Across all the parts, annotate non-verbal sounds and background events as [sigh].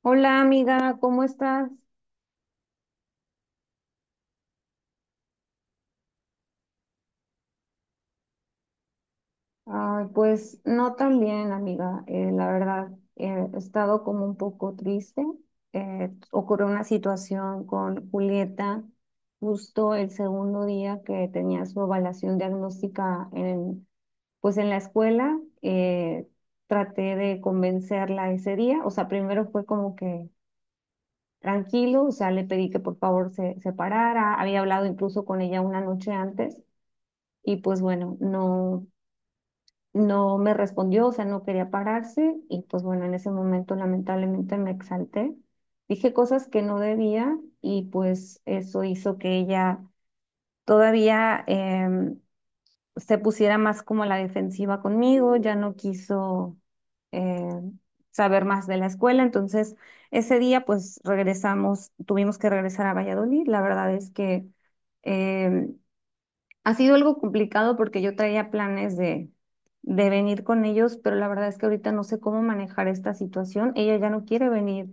Hola amiga, ¿cómo estás? Ay, pues no tan bien amiga, la verdad, he estado como un poco triste. Ocurrió una situación con Julieta justo el segundo día que tenía su evaluación diagnóstica en, pues en la escuela. Traté de convencerla ese día, o sea, primero fue como que tranquilo, o sea, le pedí que por favor se separara, había hablado incluso con ella una noche antes. Y pues bueno, no me respondió, o sea, no quería pararse y pues bueno, en ese momento lamentablemente me exalté. Dije cosas que no debía y pues eso hizo que ella todavía se pusiera más como a la defensiva conmigo, ya no quiso em, saber más de la escuela. Entonces, ese día pues regresamos, tuvimos que regresar a Valladolid. La verdad es que... em, ha sido algo complicado porque yo traía planes de venir con ellos, pero la verdad es que ahorita no sé cómo manejar esta situación. Ella ya no quiere venir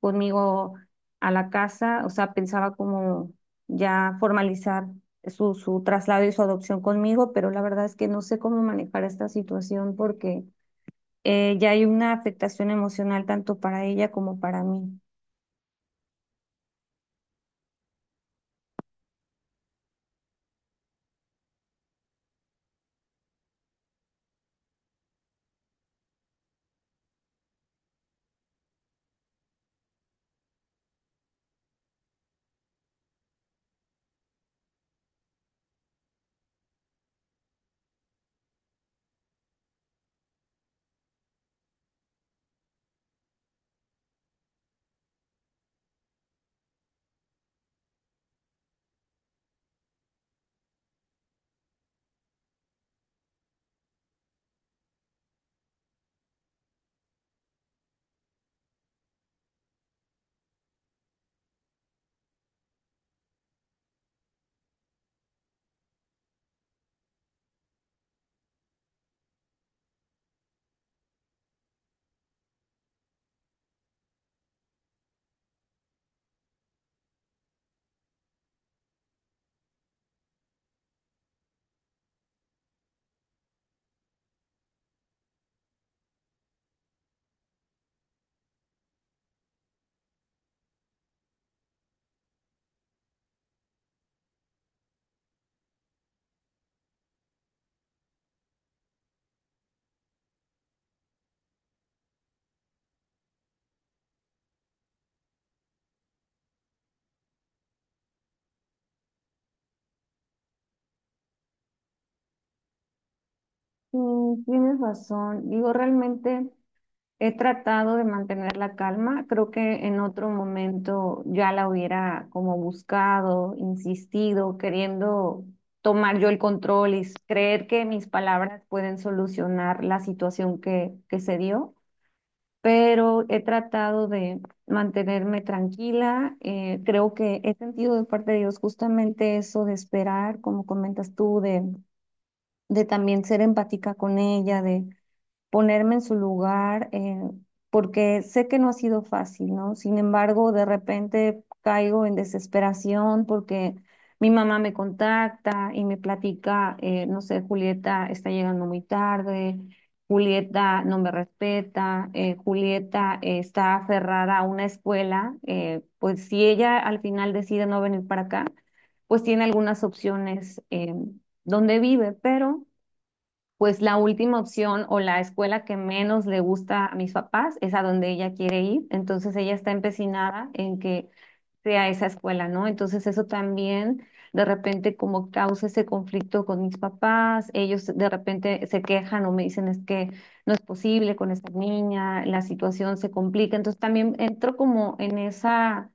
conmigo a la casa, o sea, pensaba como ya formalizar su traslado y su adopción conmigo, pero la verdad es que no sé cómo manejar esta situación porque ya hay una afectación emocional tanto para ella como para mí. Mm, tienes razón. Digo, realmente, he tratado de mantener la calma. Creo que en otro momento ya la hubiera como buscado, insistido, queriendo tomar yo el control y creer que mis palabras pueden solucionar la situación que se dio. Pero he tratado de mantenerme tranquila. Creo que he sentido de parte de Dios justamente eso de esperar, como comentas tú, de también ser empática con ella, de ponerme en su lugar, porque sé que no ha sido fácil, ¿no? Sin embargo, de repente caigo en desesperación porque mi mamá me contacta y me platica, no sé, Julieta está llegando muy tarde, Julieta no me respeta, Julieta está aferrada a una escuela, pues si ella al final decide no venir para acá, pues tiene algunas opciones donde vive, pero pues la última opción o la escuela que menos le gusta a mis papás es a donde ella quiere ir. Entonces ella está empecinada en que sea esa escuela, ¿no? Entonces eso también de repente como causa ese conflicto con mis papás, ellos de repente se quejan o me dicen es que no es posible con esta niña, la situación se complica, entonces también entro como en esa,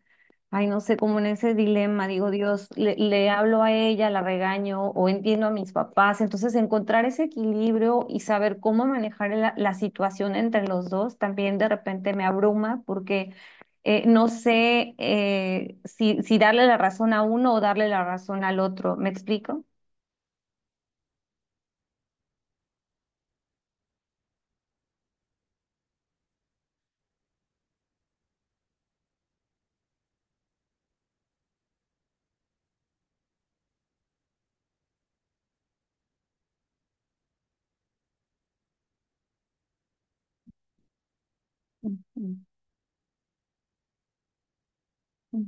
ay, no sé, como en ese dilema, digo, Dios, le hablo a ella, la regaño o entiendo a mis papás. Entonces, encontrar ese equilibrio y saber cómo manejar la situación entre los dos también de repente me abruma porque no sé, si darle la razón a uno o darle la razón al otro. ¿Me explico? Ujú, ujú,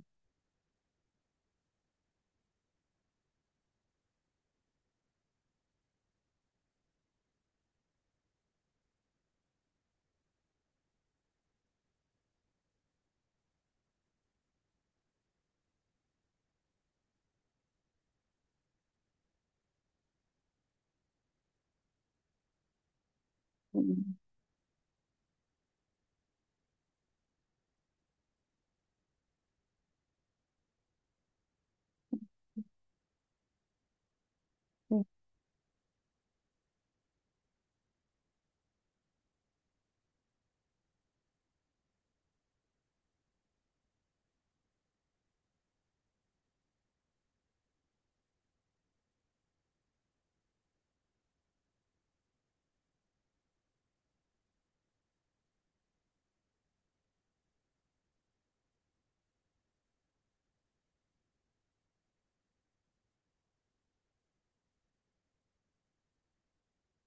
sí.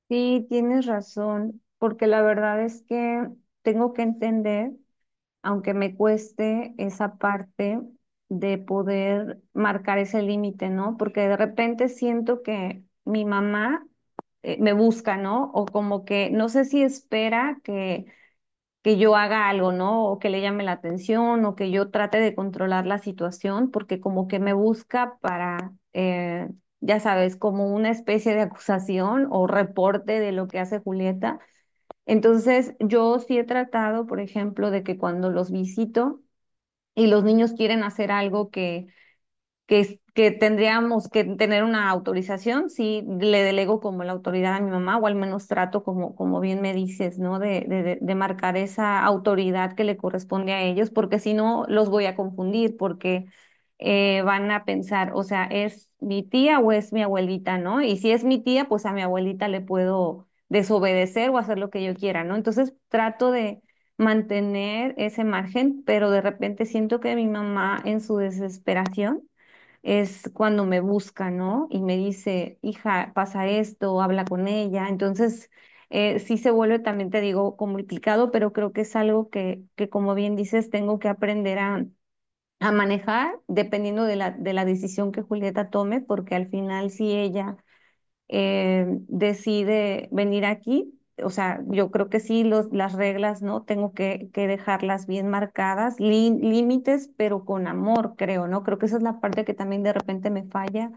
Sí, tienes razón, porque la verdad es que tengo que entender, aunque me cueste esa parte de poder marcar ese límite, ¿no? Porque de repente siento que mi mamá me busca, ¿no? O como que no sé si espera que yo haga algo, ¿no? O que le llame la atención o que yo trate de controlar la situación, porque como que me busca para, ya sabes, como una especie de acusación o reporte de lo que hace Julieta. Entonces, yo sí he tratado, por ejemplo, de que cuando los visito y los niños quieren hacer algo que tendríamos que tener una autorización, sí le delego como la autoridad a mi mamá, o al menos trato como, como bien me dices, ¿no? De marcar esa autoridad que le corresponde a ellos, porque si no los voy a confundir, porque van a pensar, o sea, ¿es mi tía o es mi abuelita?, ¿no? Y si es mi tía, pues a mi abuelita le puedo desobedecer o hacer lo que yo quiera, ¿no? Entonces trato de mantener ese margen, pero de repente siento que mi mamá en su desesperación es cuando me busca, ¿no? Y me dice, hija, pasa esto, habla con ella. Entonces, sí se vuelve también, te digo, complicado, pero creo que es algo que como bien dices, tengo que aprender a manejar dependiendo de de la decisión que Julieta tome, porque al final, si ella decide venir aquí. O sea, yo creo que sí, las reglas, ¿no? Tengo que dejarlas bien marcadas, límites, pero con amor, creo, ¿no? Creo que esa es la parte que también de repente me falla,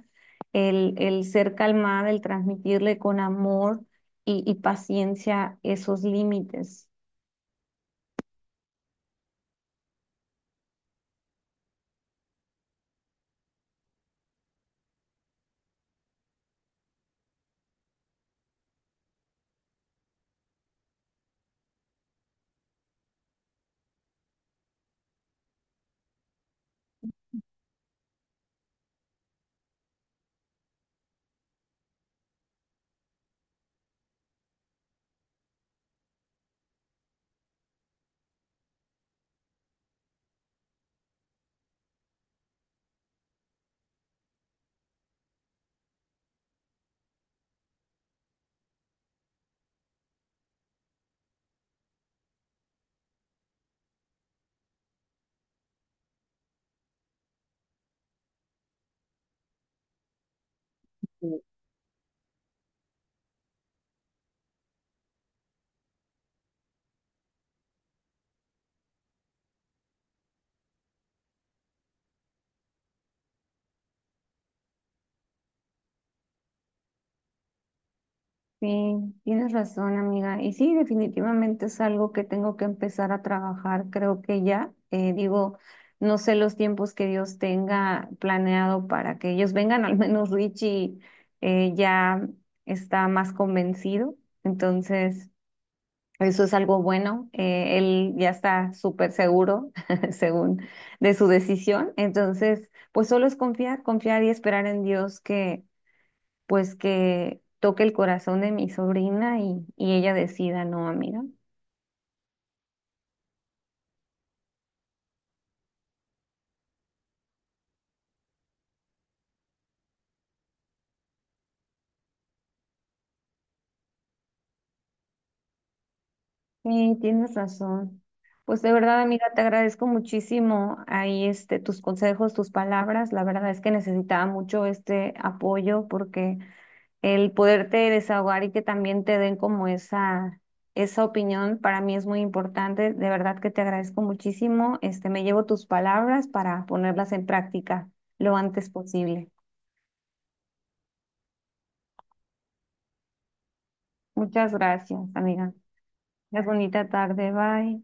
el ser calmada, el transmitirle con amor y paciencia esos límites. Sí, tienes razón, amiga. Y sí, definitivamente es algo que tengo que empezar a trabajar. Creo que ya, digo, no sé los tiempos que Dios tenga planeado para que ellos vengan. Al menos Richie ya está más convencido. Entonces, eso es algo bueno. Él ya está súper seguro, [laughs] según, de su decisión. Entonces, pues solo es confiar, confiar y esperar en Dios pues que toque el corazón de mi sobrina y ella decida, no, amiga. Sí, tienes razón. Pues de verdad, amiga, te agradezco muchísimo ahí este tus consejos, tus palabras. La verdad es que necesitaba mucho este apoyo porque el poderte desahogar y que también te den como esa opinión para mí es muy importante. De verdad que te agradezco muchísimo. Este, me llevo tus palabras para ponerlas en práctica lo antes posible. Muchas gracias, amiga. Tengas bonita tarde, bye.